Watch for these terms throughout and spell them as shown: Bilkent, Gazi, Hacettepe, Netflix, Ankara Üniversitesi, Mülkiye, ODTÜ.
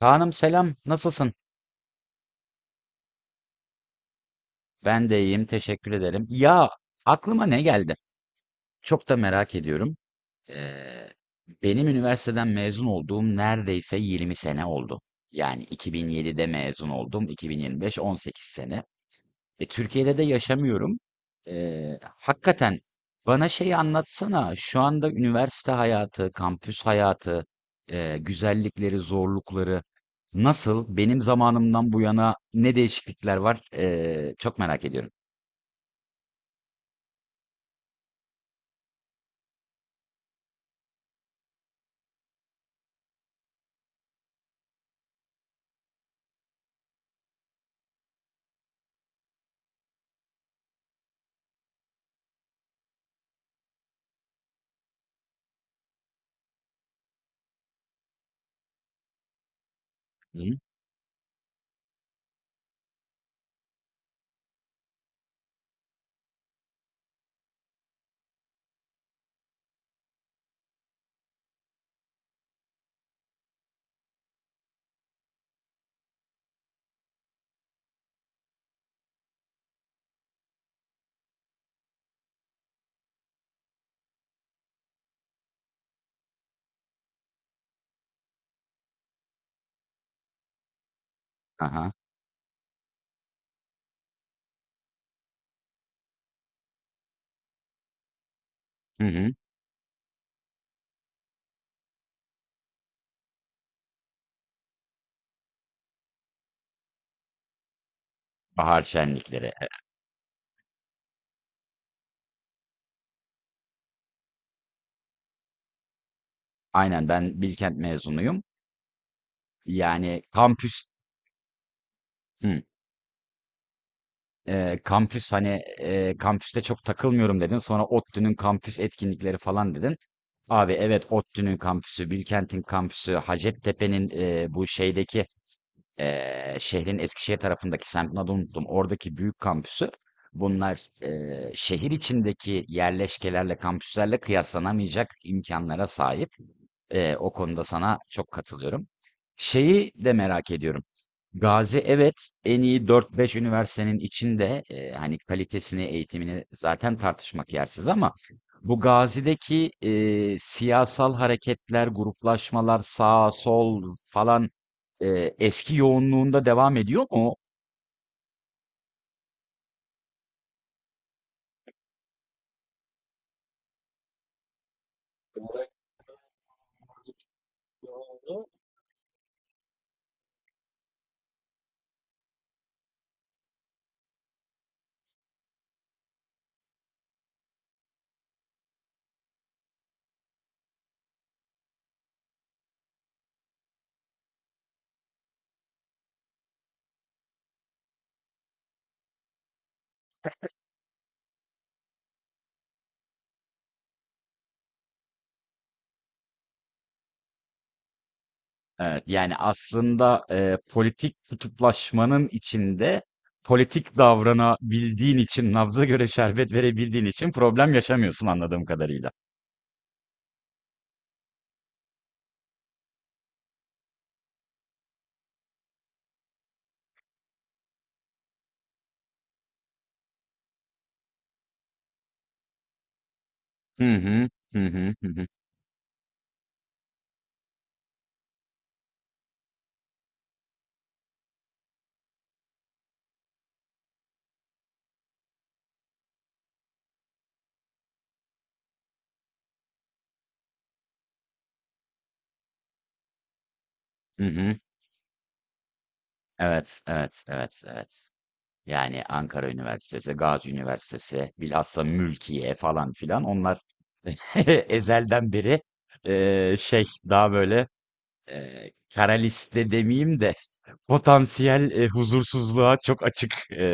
Kaan'ım selam, nasılsın? Ben de iyiyim, teşekkür ederim. Ya aklıma ne geldi? Çok da merak ediyorum. Ee, Benim üniversiteden mezun olduğum neredeyse 20 sene oldu. Yani 2007'de mezun oldum, 2025 18 sene. Türkiye'de de yaşamıyorum. Hakikaten bana şeyi anlatsana. Şu anda üniversite hayatı, kampüs hayatı, güzellikleri, zorlukları nasıl? Benim zamanımdan bu yana ne değişiklikler var? Çok merak ediyorum. Hı? Aha. Hı hı. Bahar şenlikleri. Aynen ben Bilkent mezunuyum. Yani kampüs. Hı. Kampüs hani kampüste çok takılmıyorum dedin. Sonra ODTÜ'nün kampüs etkinlikleri falan dedin. Abi evet ODTÜ'nün kampüsü, Bilkent'in kampüsü, Hacettepe'nin bu şeydeki şehrin Eskişehir tarafındaki semtini adını unuttum. Oradaki büyük kampüsü. Bunlar şehir içindeki yerleşkelerle, kampüslerle kıyaslanamayacak imkanlara sahip. O konuda sana çok katılıyorum. Şeyi de merak ediyorum. Gazi evet en iyi dört beş üniversitenin içinde hani kalitesini, eğitimini zaten tartışmak yersiz ama bu Gazi'deki siyasal hareketler, gruplaşmalar, sağ, sol falan eski yoğunluğunda devam ediyor mu? Evet, yani aslında politik kutuplaşmanın içinde politik davranabildiğin için, nabza göre şerbet verebildiğin için problem yaşamıyorsun anladığım kadarıyla. Hı hı, hı hı, hı hı, hı hı. Evet, evet, evet, evet. Yani Ankara Üniversitesi, Gazi Üniversitesi, bilhassa Mülkiye falan filan onlar ezelden beri şey daha böyle kara liste demeyeyim de potansiyel huzursuzluğa çok açık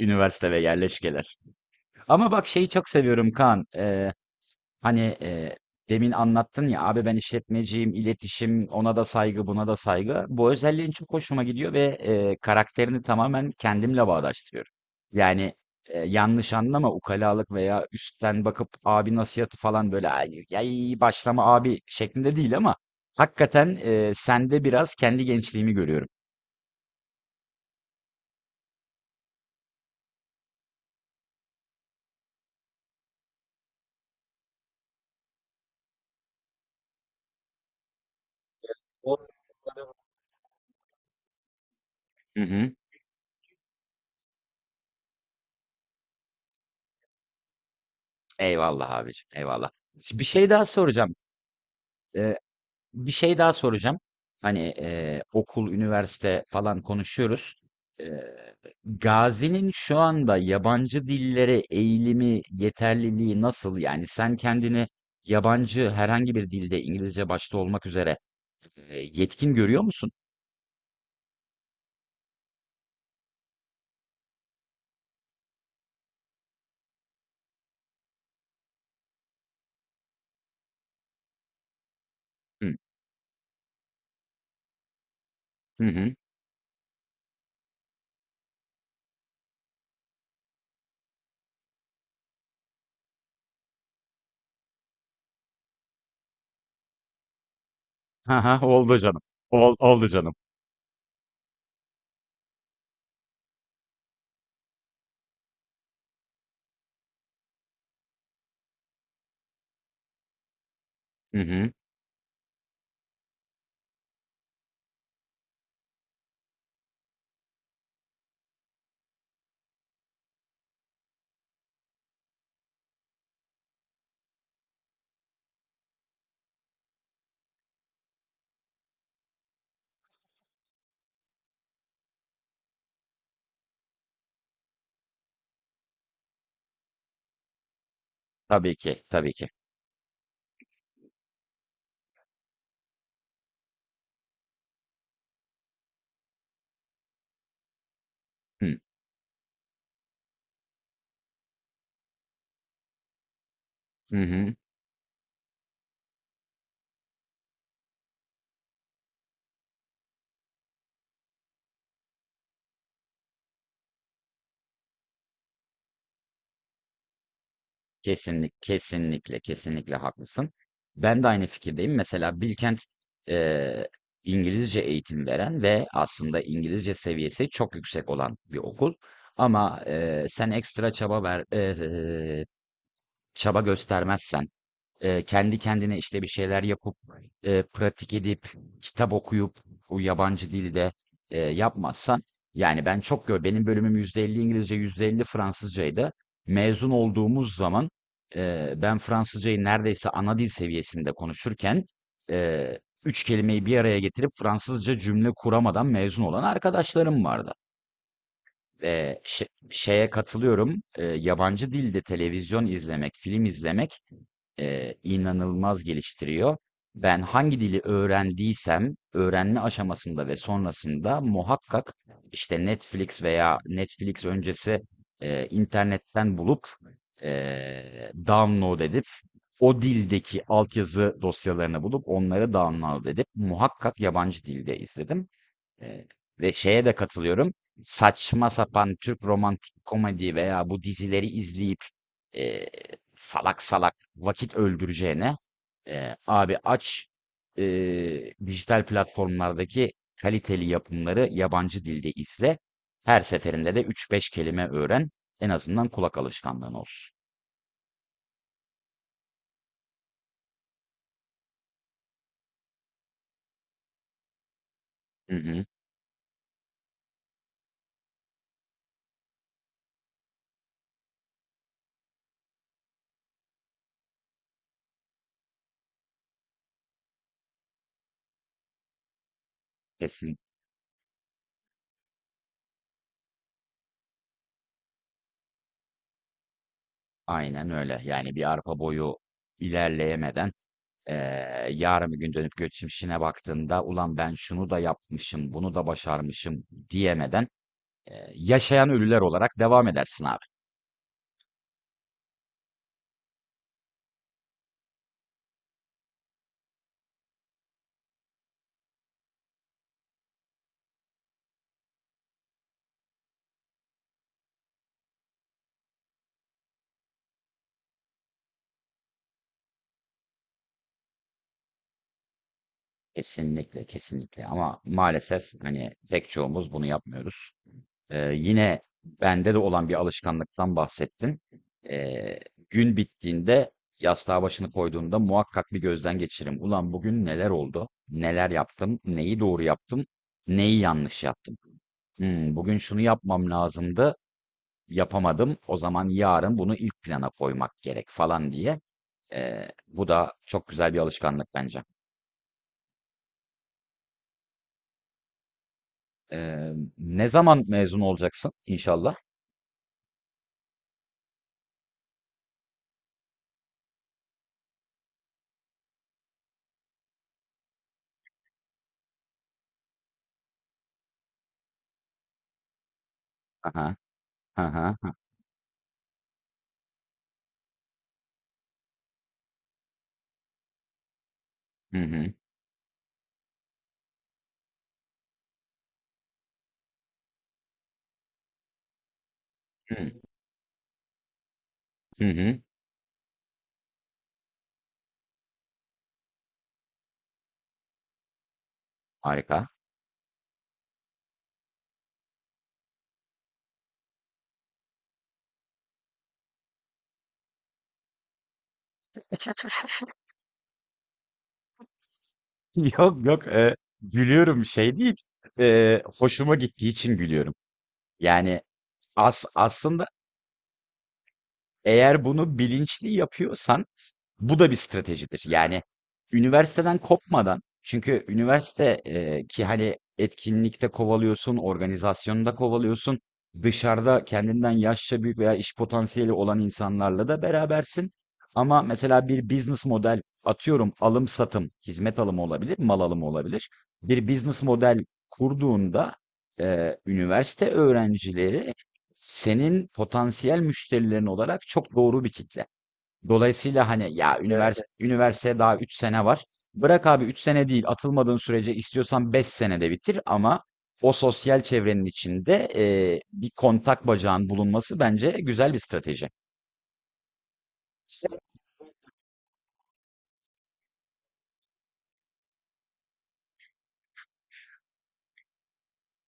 üniversite ve yerleşkeler. Ama bak şeyi çok seviyorum Kaan. Hani, demin anlattın ya, abi ben işletmeciyim, iletişim, ona da saygı, buna da saygı. Bu özelliğin çok hoşuma gidiyor ve, karakterini tamamen kendimle bağdaştırıyorum. Yani, yanlış anlama, ukalalık veya üstten bakıp abi nasihatı falan böyle, "Ay, yay, başlama abi." şeklinde değil ama hakikaten, sende biraz kendi gençliğimi görüyorum. O- Hı hı. Eyvallah abicim, eyvallah. bir şey daha soracağım. Bir şey daha soracağım. Hani okul, üniversite falan konuşuyoruz. Eee, Gazi'nin şu anda yabancı dillere eğilimi, yeterliliği nasıl? Yani sen kendini yabancı herhangi bir dilde İngilizce başta olmak üzere yetkin görüyor musun? Hı hı. Hı. Ha ha oldu canım. Oldu canım. Hı hı. Tabii ki, tabii ki. Hı hı. Hı. Kesinlikle, kesinlikle haklısın. Ben de aynı fikirdeyim. Mesela Bilkent eee, İngilizce eğitim veren ve aslında İngilizce seviyesi çok yüksek olan bir okul. Ama sen ekstra çaba ver, çaba göstermezsen kendi kendine işte bir şeyler yapıp pratik edip kitap okuyup o yabancı dilde yapmazsan yani ben çok gör benim bölümüm %50 İngilizce %50 Fransızcaydı. Mezun olduğumuz zaman ben Fransızcayı neredeyse ana dil seviyesinde konuşurken e, üç kelimeyi bir araya getirip Fransızca cümle kuramadan mezun olan arkadaşlarım vardı. Şeye katılıyorum. Yabancı dilde televizyon izlemek, film izlemek inanılmaz geliştiriyor. Ben hangi dili öğrendiysem öğrenme aşamasında ve sonrasında muhakkak işte Netflix veya Netflix öncesi internetten bulup download edip o dildeki altyazı dosyalarını bulup onları download edip muhakkak yabancı dilde izledim. Eee, Ve şeye de katılıyorum. Saçma sapan Türk romantik komedi veya bu dizileri izleyip eee, salak salak vakit öldüreceğine abi aç dijital platformlardaki kaliteli yapımları yabancı dilde izle. Her seferinde de üç beş kelime öğren. En azından kulak alışkanlığın olsun. Hı hı, kesin. Aynen öyle. Yani bir arpa boyu ilerleyemeden yarın bir gün dönüp geçmişine baktığında ulan ben şunu da yapmışım, bunu da başarmışım diyemeden yaşayan ölüler olarak devam edersin abi. Kesinlikle, kesinlikle. Ama maalesef hani pek çoğumuz bunu yapmıyoruz. Yine bende de olan bir alışkanlıktan bahsettin. Eee, Gün bittiğinde yastığa başını koyduğumda muhakkak bir gözden geçiririm. Ulan bugün neler oldu? Neler yaptım? Neyi doğru yaptım? Neyi yanlış yaptım? Bugün şunu yapmam lazımdı, yapamadım. O zaman yarın bunu ilk plana koymak gerek falan diye. Bu da çok güzel bir alışkanlık bence. Eee, Ne zaman mezun olacaksın inşallah? Aha, aha, ha, hı hı, hı, hı hı. Harika. Yok yok, gülüyorum şey değil. Hoşuma gittiği için gülüyorum. Yani aslında eğer bunu bilinçli yapıyorsan bu da bir stratejidir. Yani üniversiteden kopmadan çünkü üniversite ki hani etkinlikte kovalıyorsun, organizasyonda kovalıyorsun, dışarıda kendinden yaşça büyük veya iş potansiyeli olan insanlarla da berabersin. Ama mesela bir business model atıyorum alım satım, hizmet alımı olabilir, mal alımı olabilir. Bir business model kurduğunda üniversite öğrencileri senin potansiyel müşterilerin olarak çok doğru bir kitle. Dolayısıyla hani ya, evet, üniversiteye daha 3 sene var. Bırak abi 3 sene değil, atılmadığın sürece istiyorsan 5 senede bitir ama o sosyal çevrenin içinde bir kontak bacağın bulunması bence güzel bir strateji.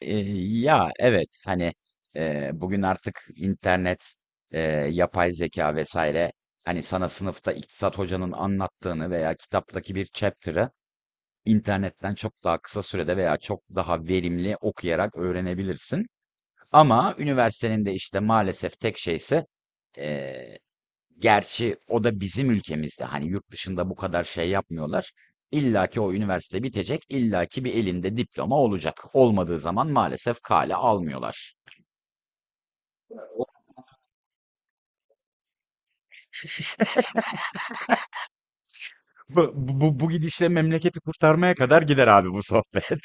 E, Ya evet hani bugün artık internet, e, yapay zeka vesaire hani sana sınıfta iktisat hocanın anlattığını veya kitaptaki bir chapter'ı internetten çok daha kısa sürede veya çok daha verimli okuyarak öğrenebilirsin. Ama üniversitenin de işte maalesef tek şeyse eee, gerçi o da bizim ülkemizde hani yurt dışında bu kadar şey yapmıyorlar. İlla ki o üniversite bitecek, illa ki bir elinde diploma olacak. Olmadığı zaman maalesef kale almıyorlar. O- Bu, gidişle memleketi kurtarmaya kadar gider abi bu sohbet.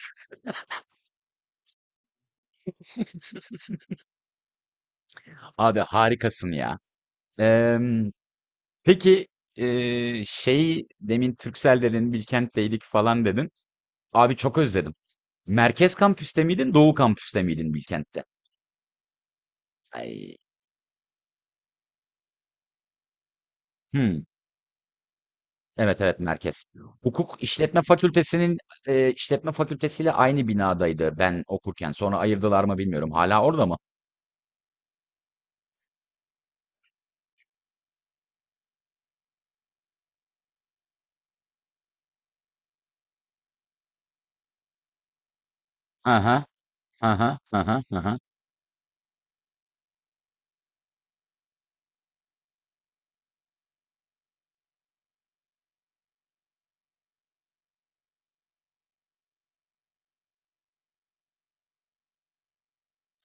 Abi harikasın ya. Eee Peki şey demin Türksel dedin, Bilkent'teydik falan dedin. Abi çok özledim. Merkez kampüste miydin, Doğu kampüste miydin Bilkent'te? Ay, Hmm, evet evet, merkez. Hukuk işletme Fakültesinin işletme fakültesiyle aynı binadaydı ben okurken. Sonra ayırdılar mı bilmiyorum. Hala orada mı? Aha, aha, aha, aha.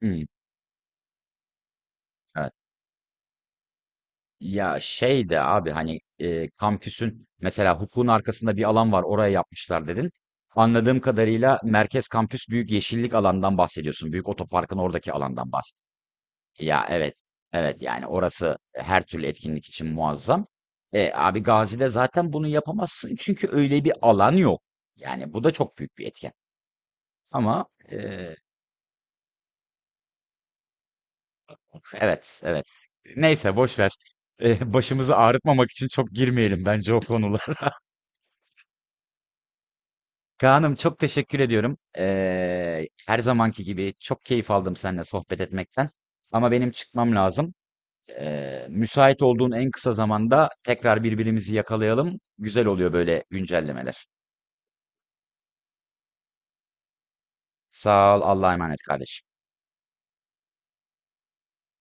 Hmm, evet. Ya şey de abi hani kampüsün mesela hukukun arkasında bir alan var oraya yapmışlar dedin. Anladığım kadarıyla merkez kampüs büyük yeşillik alandan bahsediyorsun. Büyük otoparkın oradaki alandan bahsediyorsun. Ya evet. Evet yani orası her türlü etkinlik için muazzam. Abi Gazi'de zaten bunu yapamazsın çünkü öyle bir alan yok. Yani bu da çok büyük bir etken. Ama e, evet evet. Neyse boş ver. Başımızı ağrıtmamak için çok girmeyelim bence o konulara. Kaan'ım çok teşekkür ediyorum. Her zamanki gibi çok keyif aldım seninle sohbet etmekten. Ama benim çıkmam lazım. Müsait olduğun en kısa zamanda tekrar birbirimizi yakalayalım. Güzel oluyor böyle güncellemeler. Sağ ol, Allah'a emanet kardeşim.